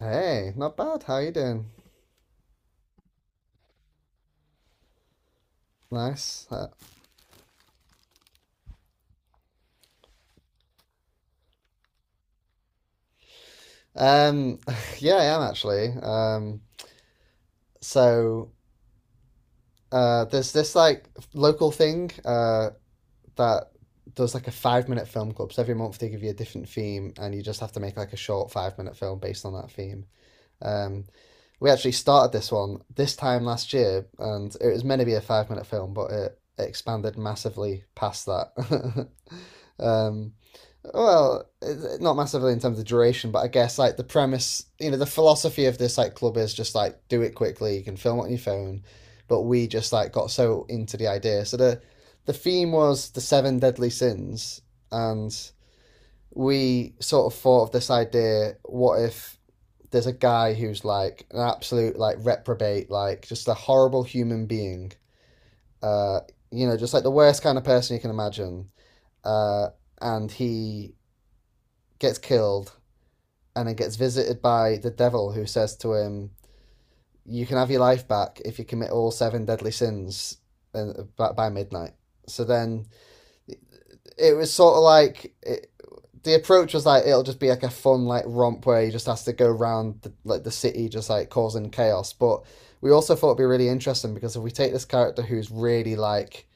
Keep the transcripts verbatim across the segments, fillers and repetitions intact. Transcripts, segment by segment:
Hey, not bad. How you doing? Nice. Uh, Um, yeah, I am actually. Um, so uh, there's this like local thing uh, that does like a five minute film club. So every month they give you a different theme, and you just have to make like a short five minute film based on that theme. Um, we actually started this one this time last year, and it was meant to be a five minute film, but it, it expanded massively past that. Um, Well, not massively in terms of duration, but I guess like the premise, you know, the philosophy of this like club is just like do it quickly. You can film it on your phone, but we just like got so into the idea. So the the theme was the seven deadly sins, and we sort of thought of this idea: what if there's a guy who's like an absolute like reprobate, like just a horrible human being, uh, you know, just like the worst kind of person you can imagine, uh, and he gets killed and then gets visited by the devil who says to him, you can have your life back if you commit all seven deadly sins uh, by midnight. So then it was sort of like it, the approach was like it'll just be like a fun like romp where he just has to go around the, like the city just like causing chaos. But we also thought it'd be really interesting because if we take this character who's really like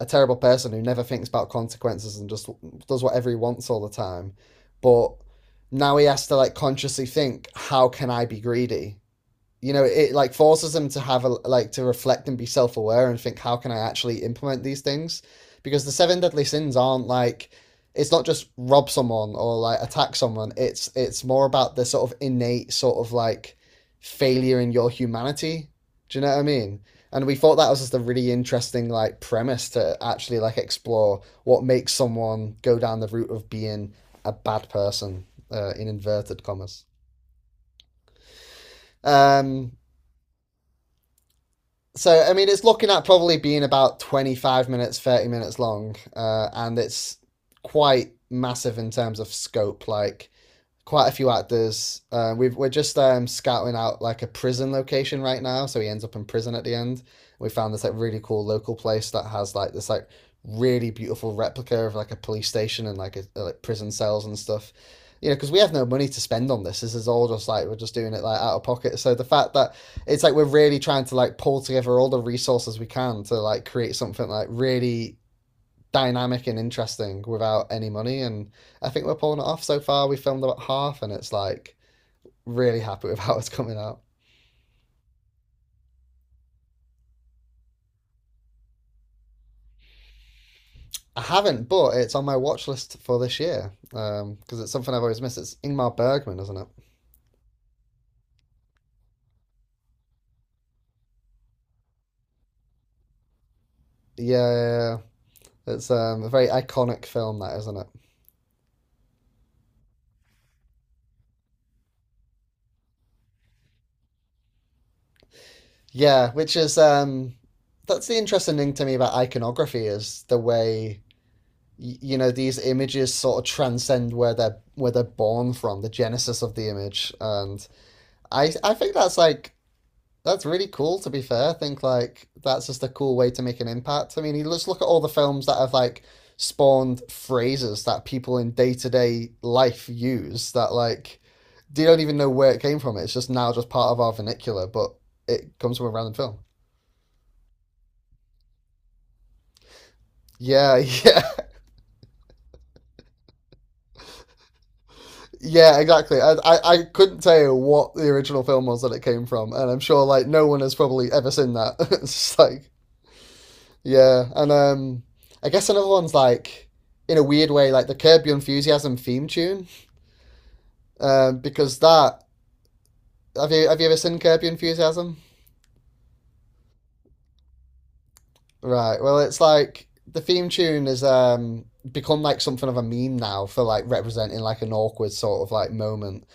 a terrible person who never thinks about consequences and just does whatever he wants all the time. But now he has to like consciously think, how can I be greedy? You know, it like forces them to have a like to reflect and be self-aware and think, how can I actually implement these things, because the seven deadly sins aren't like, it's not just rob someone or like attack someone, it's it's more about the sort of innate sort of like failure in your humanity, do you know what I mean? And we thought that was just a really interesting like premise to actually like explore what makes someone go down the route of being a bad person, uh, in inverted commas. Um so I mean, it's looking at probably being about twenty-five minutes, thirty minutes long, uh, and it's quite massive in terms of scope. Like quite a few actors. Uh, we've, we're just um, scouting out like a prison location right now, so he ends up in prison at the end. We found this like really cool local place that has like this like really beautiful replica of like a police station and like a, a like prison cells and stuff. You know, because we have no money to spend on this. This is all just like we're just doing it like out of pocket. So the fact that it's like we're really trying to like pull together all the resources we can to like create something like really dynamic and interesting without any money. And I think we're pulling it off so far. We filmed about half, and it's like really happy with how it's coming out. I haven't, but it's on my watch list for this year because um, it's something I've always missed. It's Ingmar Bergman, isn't it? Yeah, yeah, yeah. Yeah, it's um, a very iconic film, that isn't it? Yeah, which is um, that's the interesting thing to me about iconography is the way, you know, these images sort of transcend where they're where they're born from, the genesis of the image. And I I think that's like that's really cool, to be fair. I think like that's just a cool way to make an impact. I mean, you just look at all the films that have like spawned phrases that people in day-to-day life use that like they don't even know where it came from. It's just now just part of our vernacular, but it comes from a random film. Yeah, yeah, yeah, exactly. I, I, I couldn't tell you what the original film was that it came from, and I'm sure like no one has probably ever seen that. It's just like, yeah, and um, I guess another one's like, in a weird way, like the Curb Your Enthusiasm theme tune, um, because that, have you have you ever seen Curb Your Enthusiasm? Right. Well, it's like the theme tune has um, become like something of a meme now for like representing like an awkward sort of like moment.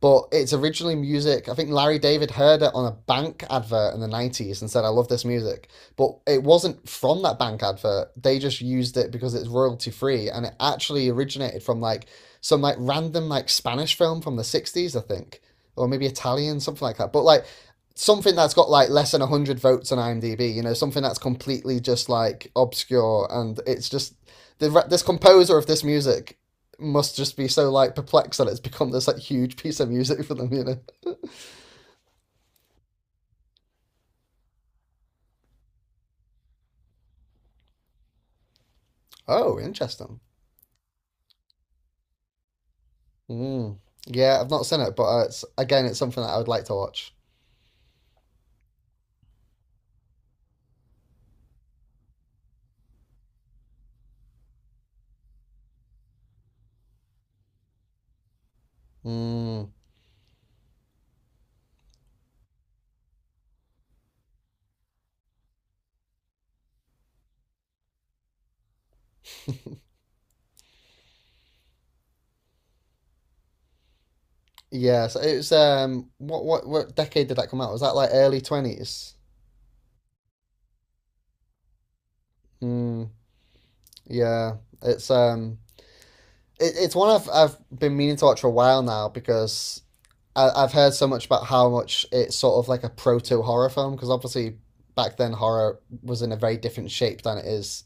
But it's originally music. I think Larry David heard it on a bank advert in the nineties and said, I love this music. But it wasn't from that bank advert. They just used it because it's royalty free. And it actually originated from like some like random like Spanish film from the sixties, I think, or maybe Italian, something like that. But like something that's got like less than one hundred votes on IMDb, you know, something that's completely just like obscure, and it's just the this composer of this music must just be so like perplexed that it's become this like huge piece of music for them, you know. Oh, interesting. Mm. Yeah, I've not seen it, but uh, it's again, it's something that I would like to watch. Mm. Yeah, so it was um, what what what decade did that come out? Was that like early twenties? Mm. Yeah, it's um, it, it's one I've I've been meaning to watch for a while now because I, I've heard so much about how much it's sort of like a proto horror film, because obviously back then horror was in a very different shape than it is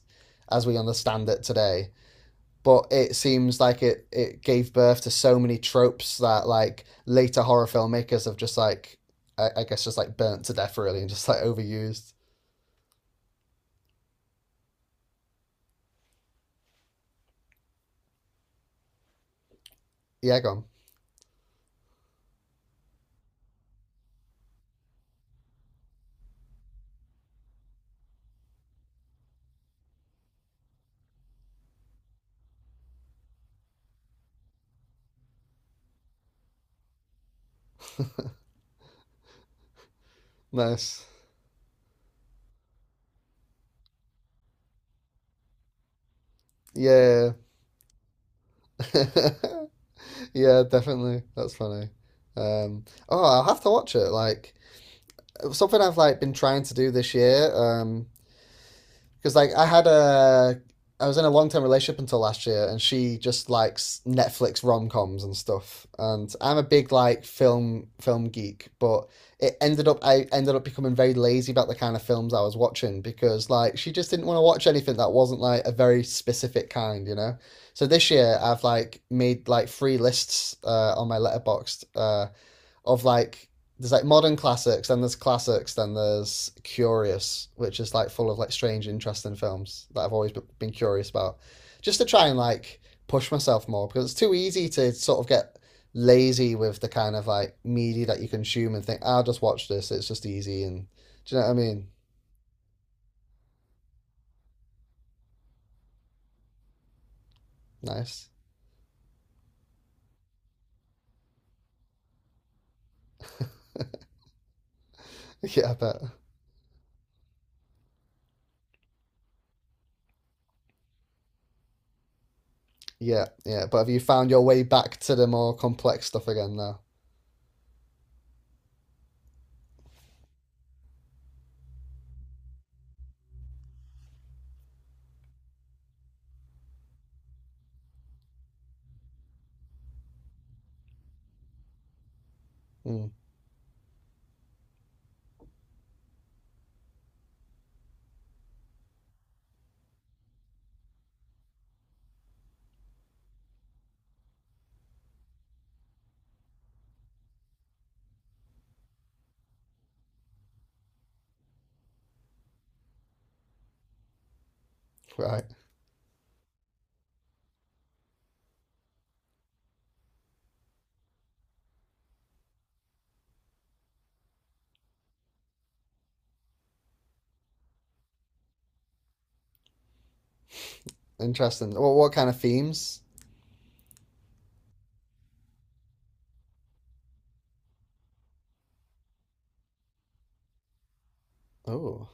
as we understand it today. But it seems like it, it gave birth to so many tropes that like later horror filmmakers have just like, I, I guess just like burnt to death really and just like overused. Yeah, gone. Nice. Yeah. Yeah, definitely. That's funny. Um, oh, I'll have to watch it. Like, something I've like been trying to do this year, um, because like I had a, I was in a long term relationship until last year, and she just likes Netflix rom coms and stuff. And I'm a big like film film geek, but it ended up, I ended up becoming very lazy about the kind of films I was watching because like she just didn't want to watch anything that wasn't like a very specific kind, you know. So this year I've like made like three lists uh, on my letterboxd. Uh, of like there's like modern classics, then there's classics, then there's curious, which is like full of like strange, interesting films that I've always been curious about, just to try and like push myself more because it's too easy to sort of get lazy with the kind of like media that you consume and think, "Ah, I'll just watch this. It's just easy, and do you know what I mean?" Nice. Yeah, I bet. Yeah, yeah. But have you found your way back to the more complex stuff again now? Mm, right. Interesting. What what kind of themes? Oh.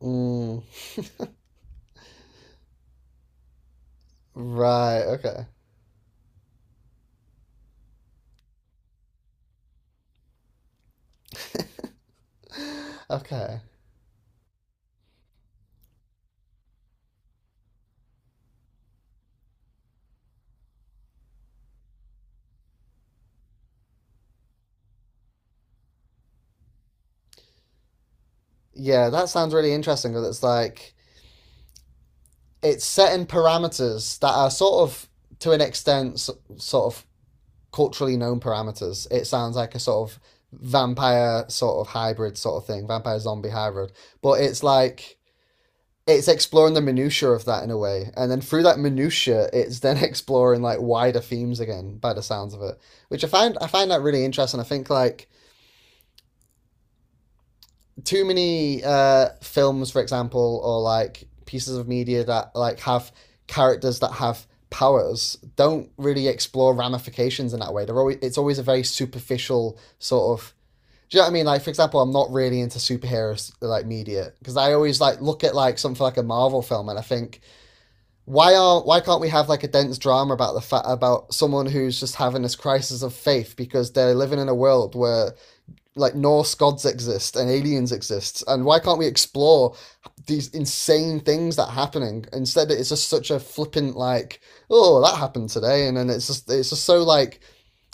Mm, right. Okay. Okay. Yeah, that sounds really interesting. Cause it's like it's setting parameters that are sort of, to an extent, s- sort of culturally known parameters. It sounds like a sort of vampire sort of hybrid sort of thing, vampire zombie hybrid. But it's like it's exploring the minutia of that in a way, and then through that minutia, it's then exploring like wider themes again, by the sounds of it, which I find I find that really interesting. I think like too many uh, films, for example, or like pieces of media that like have characters that have powers don't really explore ramifications in that way. They're always, it's always a very superficial sort of. Do you know what I mean? Like, for example, I'm not really into superheroes like media because I always like look at like something like a Marvel film and I think, why are why can't we have like a dense drama about the fa- about someone who's just having this crisis of faith because they're living in a world where like Norse gods exist and aliens exist, and why can't we explore these insane things that are happening? Instead, it's just such a flippant like, oh, that happened today, and then it's just it's just so like,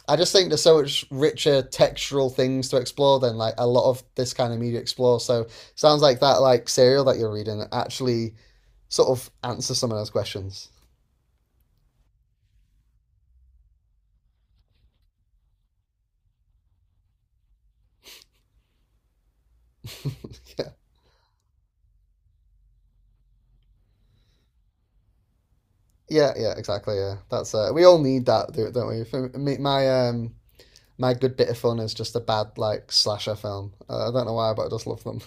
I just think there's so much richer textural things to explore than like a lot of this kind of media explore. So it sounds like that like serial that you're reading actually sort of answers some of those questions. Yeah, yeah, yeah, exactly. Yeah, that's uh, we all need that, don't we? For me, my um My Good Bit of Fun is just a bad, like, slasher film. Uh, I don't know why, but I just love them.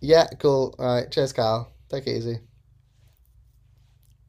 Yeah, cool. All right. Cheers, Carl. Take it easy.